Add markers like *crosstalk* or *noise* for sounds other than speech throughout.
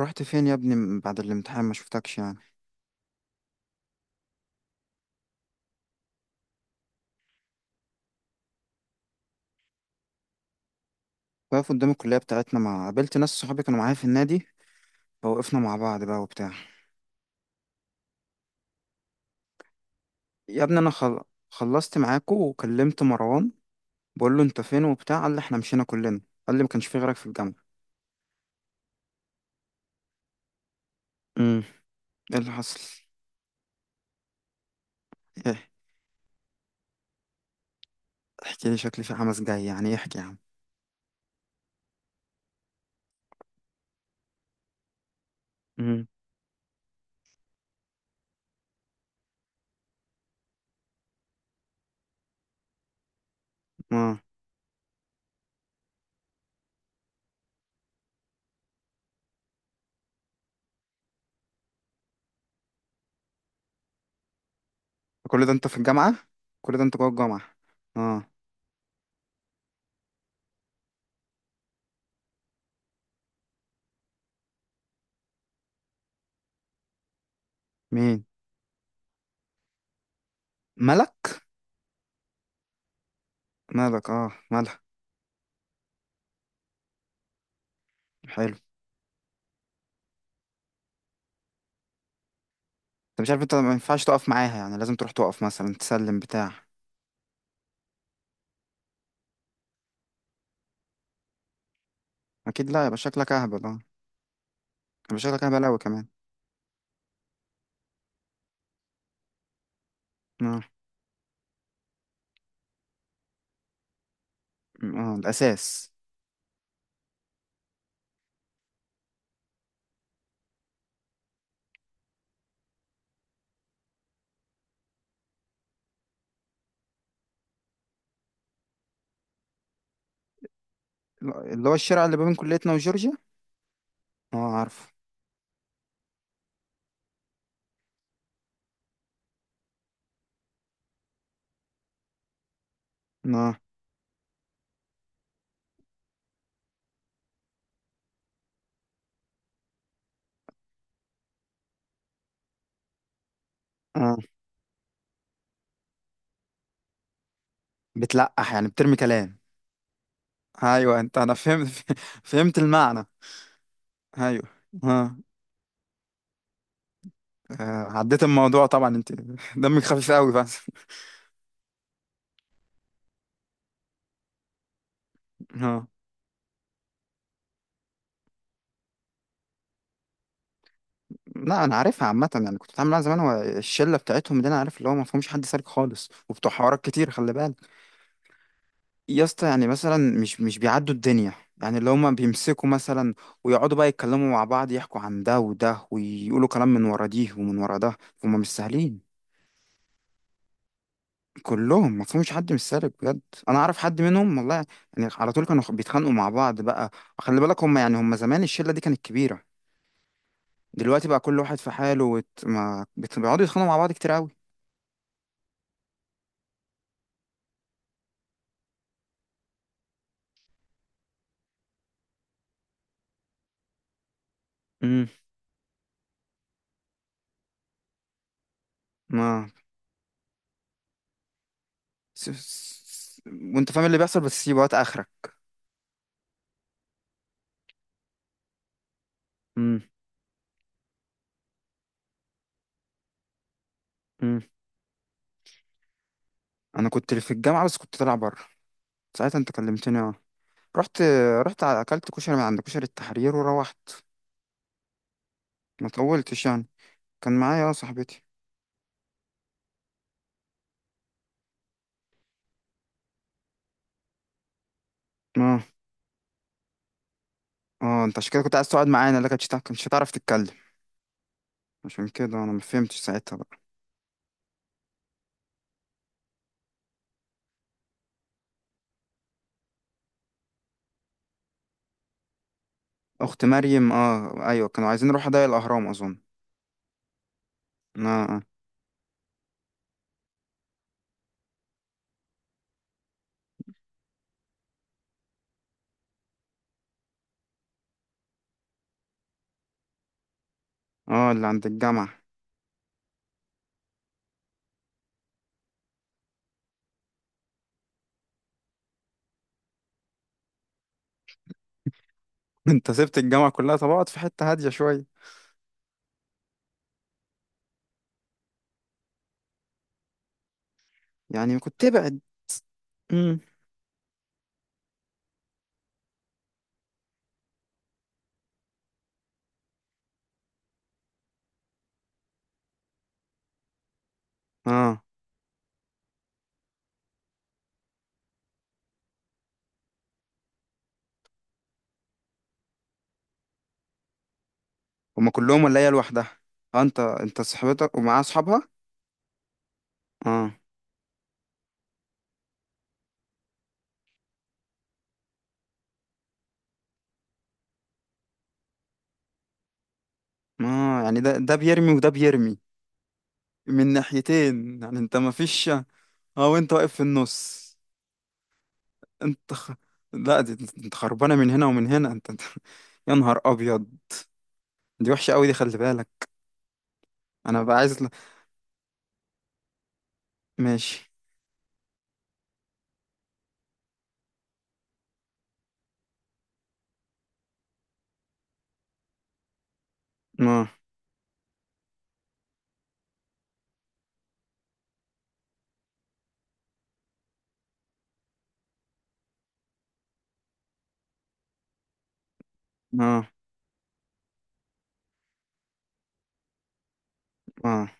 رحت فين يا ابني من بعد الامتحان ما شفتكش يعني؟ واقف قدام الكلية بتاعتنا، ما قابلت ناس صحابي كانوا معايا في النادي، فوقفنا مع بعض بقى وبتاع. يا ابني انا خلصت معاكو وكلمت مروان. بقول له انت فين وبتاع، قال لي احنا مشينا كلنا. قال لي ما كانش في غيرك في الجامعة. امم. ايه اللي حصل؟ ايه، احكي لي، شكلي في حماس جاي يعني، إيه؟ احكي يا عم. امم. اه، كل ده انت في الجامعة؟ كل ده انت جوه الجامعة؟ اه. مين؟ ملك. مالك، اه مالك. حلو. انت مش عارف انت ما ينفعش تقف معاها، يعني لازم تروح تقف مثلا تسلم بتاع. اكيد لا، يبقى شكلك اهبل اه. يبقى شكلك اهبل اوي كمان. اه. اه الاساس. اللي هو الشارع اللي ما بين كليتنا وجورجيا. اه عارفه. اه. اه بتلقح، يعني بترمي كلام. ايوه انا فهمت *laughs* فهمت المعنى. ايوه. اه. عديت الموضوع طبعا انت. دمك خفيف قوي بس. اه. لا انا عارفها عامه، يعني كنت بتعامل معاها زمان. هو الشله بتاعتهم دي انا عارف اللي هو ما فيهمش حد سالك خالص وبتوع حوارات كتير، خلي بالك. يا اسطى يعني مثلا مش بيعدوا الدنيا. يعني اللي هما بيمسكوا مثلا، ويقعدوا بقى يتكلموا مع بعض، يحكوا عن ده وده ويقولوا كلام من ورا دي ومن ورا ده. هما مش سهلين. كلهم ما فيهمش حد مش سالك بجد. انا اعرف حد منهم والله. يعني على طول كانوا بيتخانقوا مع بعض بقى. خلي بالك، هما يعني هما زمان الشلة دي كانت كبيرة. دلوقتي بقى كل واحد في حاله ما بت- بيقعدوا يتخانقوا مع بعض كتير قوي. امم. ما س... س... وانت فاهم اللي بيحصل، بس سيب وقت اخرك. امم. امم. انا كنت في الجامعة بس كنت طالع بره. ساعتها انت كلمتني، اه. رحت. اكلت كشري من عند كشري التحرير وروحت. ما طولتش يعني. كان معايا صاحبتي. اه. اه انت عشان كده كنت عايز تقعد معانا، لكن مش كنتش هتعرف تتكلم. عشان كده انا ما فهمتش ساعتها بقى. اخت مريم، اه ايوه، كانوا عايزين نروح ضيق الاهرام اظن. اه اه. اه اللي عند الجامعه. *laughs* انت سبت الجامعه كلها؟ طب اقعد في حته هاديه شويه. يعني كنت تبعد. امم. اه. هما كلهم ولا هي لوحدها؟ اه، انت صاحبتك ومعاها اصحابها. اه. اه، يعني ده بيرمي وده بيرمي، من ناحيتين يعني، انت ما فيش. اه، وانت واقف في النص. انت خ... لا، انت خربانه من هنا ومن هنا، *laughs* يا نهار ابيض. دي وحشه قوي دي، خلي بالك. انا بقى عايز ماشي. اه اه اه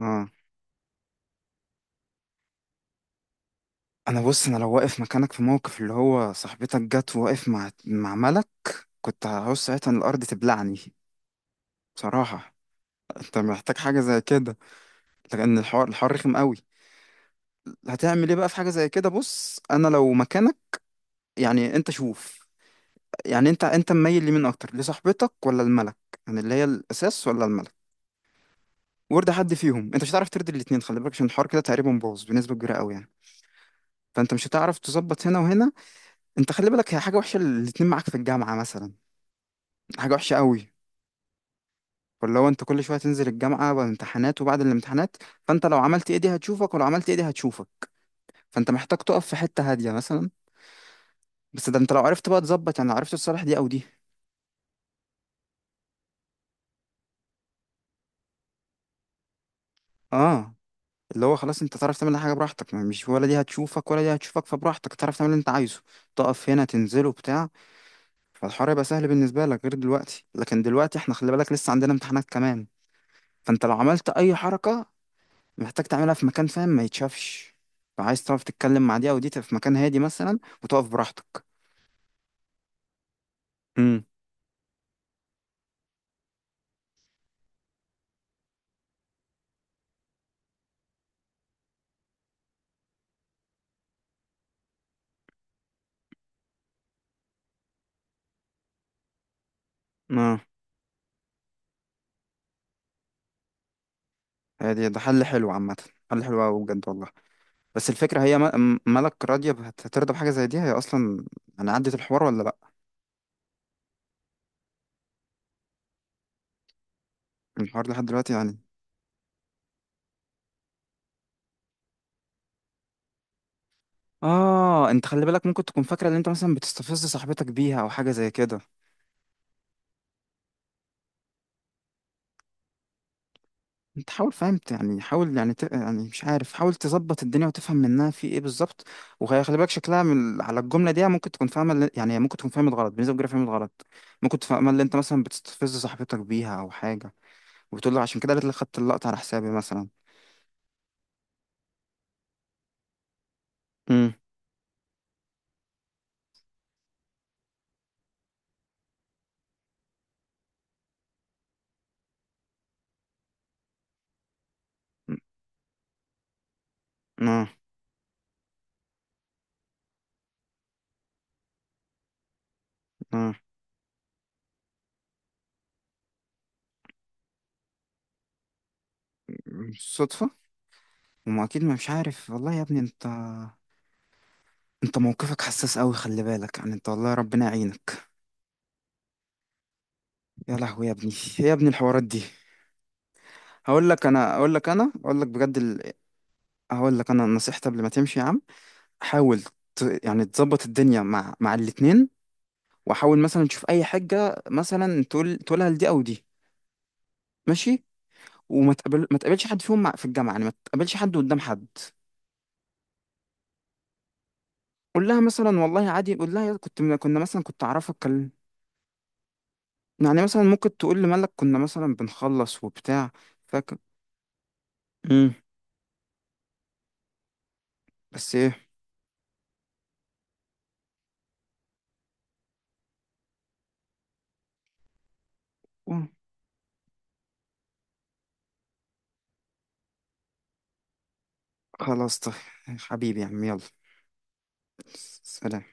اه. انا، بص، انا لو واقف مكانك في موقف اللي هو صاحبتك جت وواقف مع ملك، كنت هعوز ساعتها ان الارض تبلعني بصراحه. انت محتاج حاجه زي كده، لان الحوار رخم قوي. هتعمل ايه بقى في حاجه زي كده؟ بص انا لو مكانك. يعني انت شوف. يعني انت مميل لمين اكتر، لصاحبتك ولا الملك؟ يعني اللي هي الاساس ولا الملك؟ ورد حد فيهم، انت مش هتعرف ترضي الاثنين، خلي بالك، عشان الحوار كده تقريبا باظ بنسبه كبيره قوي يعني. فانت مش هتعرف تظبط هنا وهنا. انت خلي بالك، هي حاجه وحشه الاثنين معاك في الجامعه مثلا. حاجه وحشه قوي. ولا هو انت كل شويه تنزل الجامعه والامتحانات وبعد الامتحانات. فانت لو عملت ايه دي هتشوفك، ولو عملت ايه دي هتشوفك. فانت محتاج تقف في حته هاديه مثلا. بس ده انت لو عرفت بقى تظبط، يعني لو عرفت تصالح دي او دي. اه. اللي هو خلاص انت تعرف تعمل اي حاجه براحتك، مش، ولا دي هتشوفك ولا دي هتشوفك، فبراحتك تعرف تعمل اللي انت عايزه. تقف هنا تنزله وبتاع. فالحوار يبقى سهل بالنسبه لك غير دلوقتي، لكن دلوقتي احنا خلي بالك لسه عندنا امتحانات كمان. فانت لو عملت اي حركه، محتاج تعملها في مكان فاهم ما يتشافش. فعايز تعرف تتكلم مع دي او دي، تبقى في مكان هادي مثلا وتقف براحتك. امم. اه. هادي ده حل حلو عامه. حل حلو قوي بجد والله. بس الفكره هي مالك راضيه؟ هترضى بحاجه زي دي هي اصلا؟ انا عدت الحوار ولا لا؟ الحوار لحد دلوقتي يعني. اه، انت خلي بالك ممكن تكون فاكره ان انت مثلا بتستفز صاحبتك بيها او حاجه زي كده. انت حاول فهمت يعني، حاول يعني يعني مش عارف، حاول تظبط الدنيا وتفهم منها في ايه بالظبط. وخلي بالك شكلها على الجمله دي ممكن تكون فاهمه يعني ممكن تكون فاهمه غلط بنسبه كبيره، فاهمه غلط. ممكن تفهم اللي انت مثلا بتستفز صاحبتك بيها او حاجه. وبتقول له عشان كده قالت لك خدت اللقطه على حسابي مثلا. امم. اه. اه، صدفه. وما اكيد، ما مش عارف والله. يا ابني انت، انت موقفك حساس قوي، خلي بالك يعني، انت والله ربنا يعينك. يا لهوي يا ابني. يا ابني الحوارات دي. هقول لك، انا اقول لك بجد هقول لك، انا نصيحتي قبل ما تمشي يا عم. حاول. يعني تظبط الدنيا مع الاتنين. وحاول مثلا تشوف اي حاجه، مثلا تقولها لدي او دي. ماشي. وما تقابل ما تقابلش حد فيهم في الجامعه يعني، ما تقابلش حد قدام حد. قول لها مثلا والله عادي، قول لها يا، كنا مثلا كنت اعرفك كان. يعني مثلا ممكن تقول لمالك كنا مثلا بنخلص وبتاع. فاكر. امم. بس ايه. أوه، خلاص طيب. حبيبي يا عم، يلا. سلام.